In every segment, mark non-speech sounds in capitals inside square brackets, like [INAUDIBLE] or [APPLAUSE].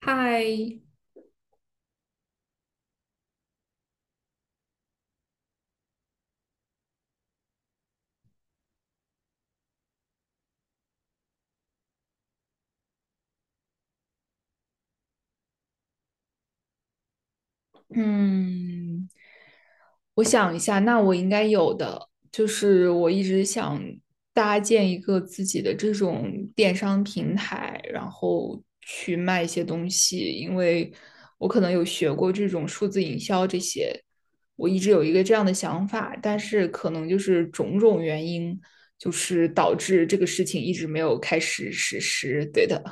嗨，嗯，我想一下，那我应该有的，就是我一直想搭建一个自己的这种电商平台，然后去卖一些东西，因为我可能有学过这种数字营销这些，我一直有一个这样的想法，但是可能就是种种原因，就是导致这个事情一直没有开始实施。对的。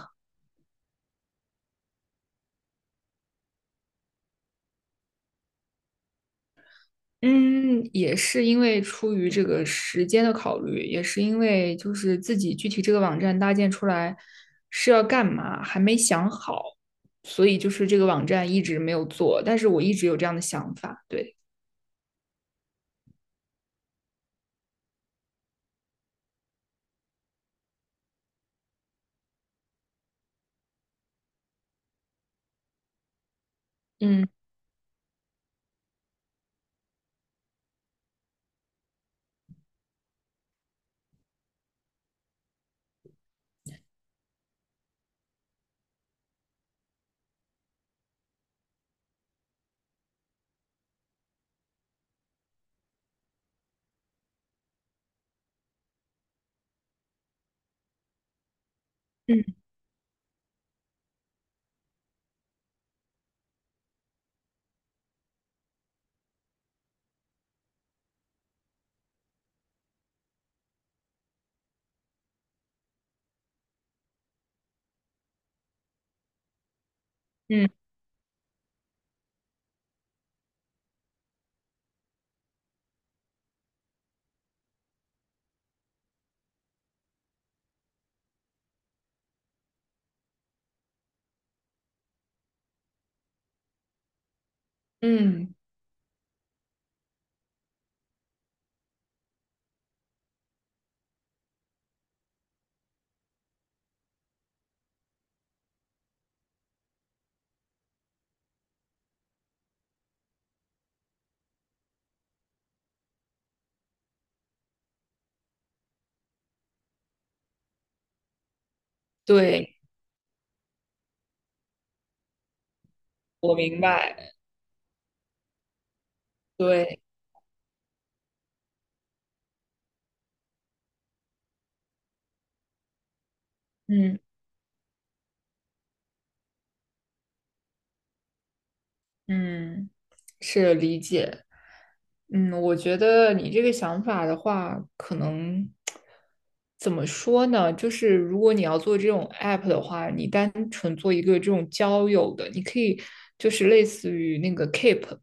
嗯，也是因为出于这个时间的考虑，也是因为就是自己具体这个网站搭建出来是要干嘛，还没想好，所以就是这个网站一直没有做，但是我一直有这样的想法，对，嗯嗯嗯嗯，对，我明白，对，嗯嗯，是理解。嗯，我觉得你这个想法的话，可能怎么说呢？就是如果你要做这种 app 的话，你单纯做一个这种交友的，你可以就是类似于那个 Keep，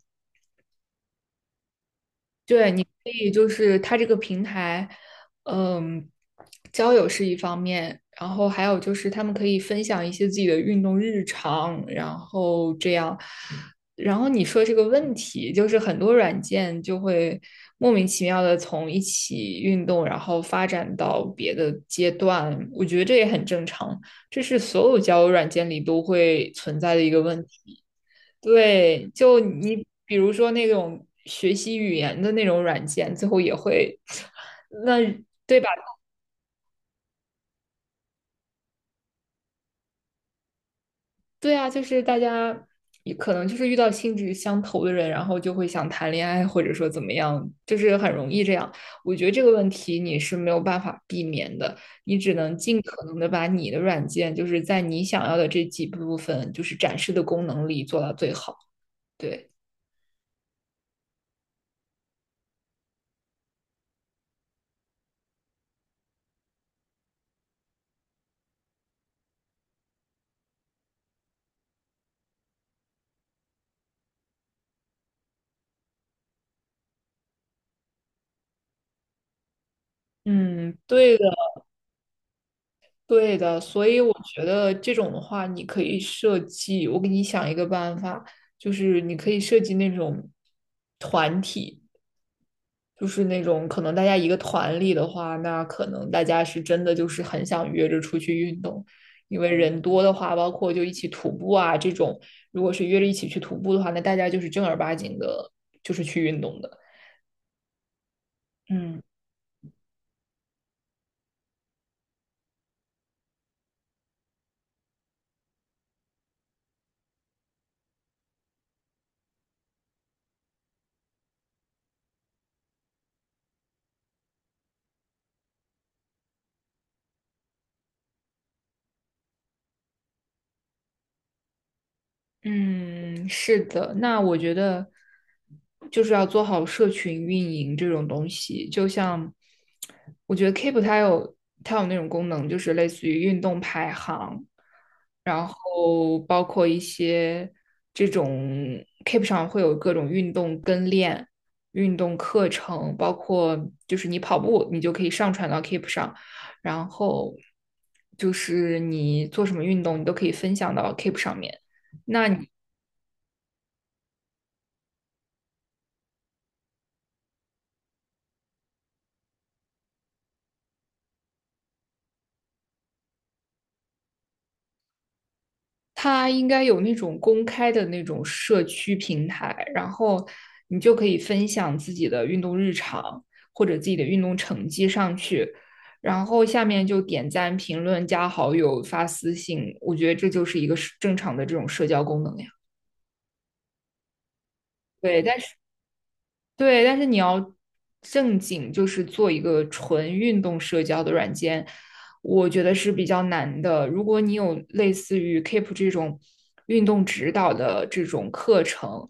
对，你可以就是它这个平台，嗯，交友是一方面，然后还有就是他们可以分享一些自己的运动日常，然后这样，然后你说这个问题，就是很多软件就会莫名其妙的从一起运动，然后发展到别的阶段，我觉得这也很正常，这是所有交友软件里都会存在的一个问题。对，就你比如说那种学习语言的那种软件，最后也会，[LAUGHS] [SUCKS TEETH] 那对吧？对啊，就是大家也可能就是遇到性质相投的人，然后就会想谈恋爱，或者说怎么样，就是很容易这样。我觉得这个问题你是没有办法避免的，你只能尽可能的把你的软件，就是在你想要的这几部分，就是展示的功能里做到最好。对，嗯，对的。对的，所以我觉得这种的话，你可以设计，我给你想一个办法，就是你可以设计那种团体，就是那种可能大家一个团里的话，那可能大家是真的就是很想约着出去运动，因为人多的话，包括就一起徒步啊这种，如果是约着一起去徒步的话，那大家就是正儿八经的，就是去运动的。嗯。嗯，是的，那我觉得就是要做好社群运营这种东西，就像我觉得 Keep 它有它有那种功能，就是类似于运动排行，然后包括一些这种 Keep 上会有各种运动跟练、运动课程，包括就是你跑步，你就可以上传到 Keep 上，然后就是你做什么运动，你都可以分享到 Keep 上面。那你它应该有那种公开的那种社区平台，然后你就可以分享自己的运动日常或者自己的运动成绩上去，然后下面就点赞、评论、加好友、发私信，我觉得这就是一个正常的这种社交功能呀。对，但是。对，但是你要正经，就是做一个纯运动社交的软件，我觉得是比较难的。如果你有类似于 Keep 这种运动指导的这种课程，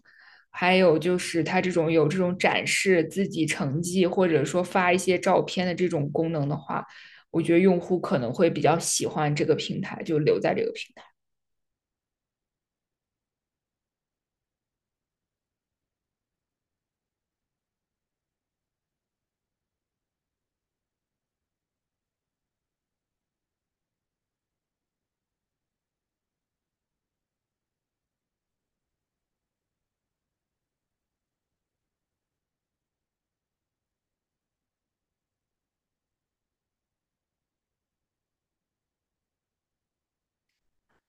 还有就是它这种有这种展示自己成绩或者说发一些照片的这种功能的话，我觉得用户可能会比较喜欢这个平台，就留在这个平台。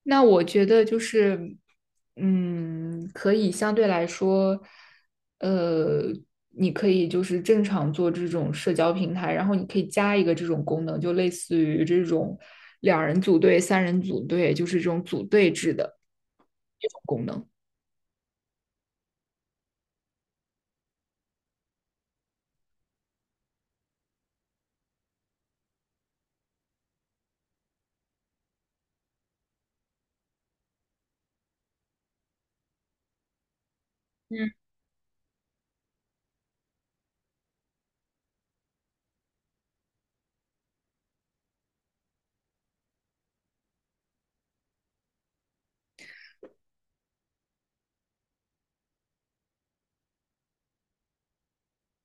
那我觉得就是，嗯，可以相对来说，呃，你可以就是正常做这种社交平台，然后你可以加一个这种功能，就类似于这种两人组队、三人组队，就是这种组队制的这种功能。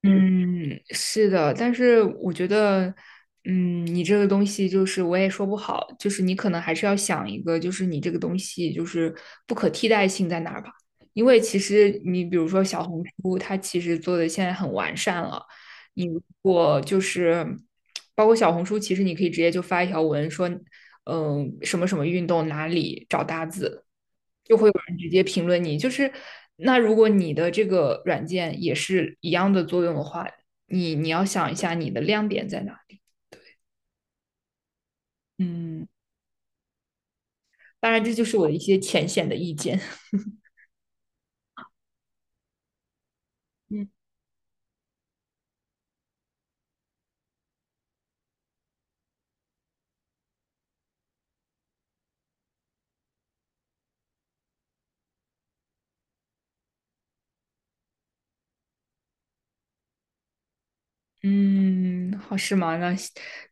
嗯，是的，但是我觉得，嗯，你这个东西就是我也说不好，就是你可能还是要想一个，就是你这个东西就是不可替代性在哪儿吧？因为其实你比如说小红书，它其实做的现在很完善了，你如果就是包括小红书，其实你可以直接就发一条文说，嗯，什么什么运动哪里找搭子。就会有人直接评论你。就是那如果你的这个软件也是一样的作用的话，你要想一下你的亮点在哪。嗯，当然这就是我的一些浅显的意见。[LAUGHS] 嗯嗯，好是吗？那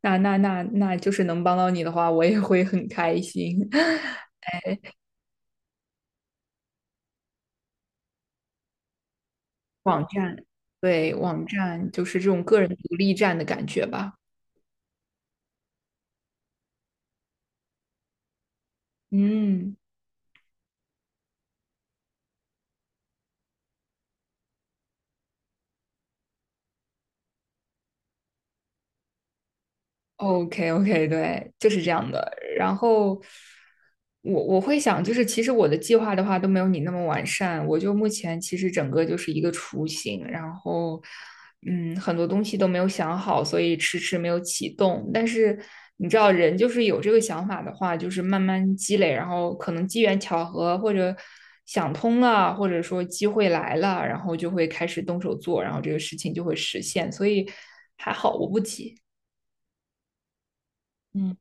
就是能帮到你的话，我也会很开心。[LAUGHS] 网站，对，网站就是这种个人独立站的感觉吧。嗯。OK OK，对，就是这样的。然后我会想，就是其实我的计划的话都没有你那么完善。我就目前其实整个就是一个雏形，然后嗯，很多东西都没有想好，所以迟迟没有启动。但是你知道，人就是有这个想法的话，就是慢慢积累，然后可能机缘巧合或者想通了，或者说机会来了，然后就会开始动手做，然后这个事情就会实现。所以还好，我不急。嗯。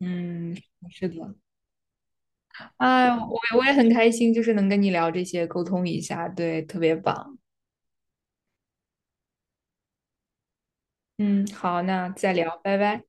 嗯，是的，哎，我也很开心，就是能跟你聊这些，沟通一下，对，特别棒。嗯，好，那再聊，拜拜。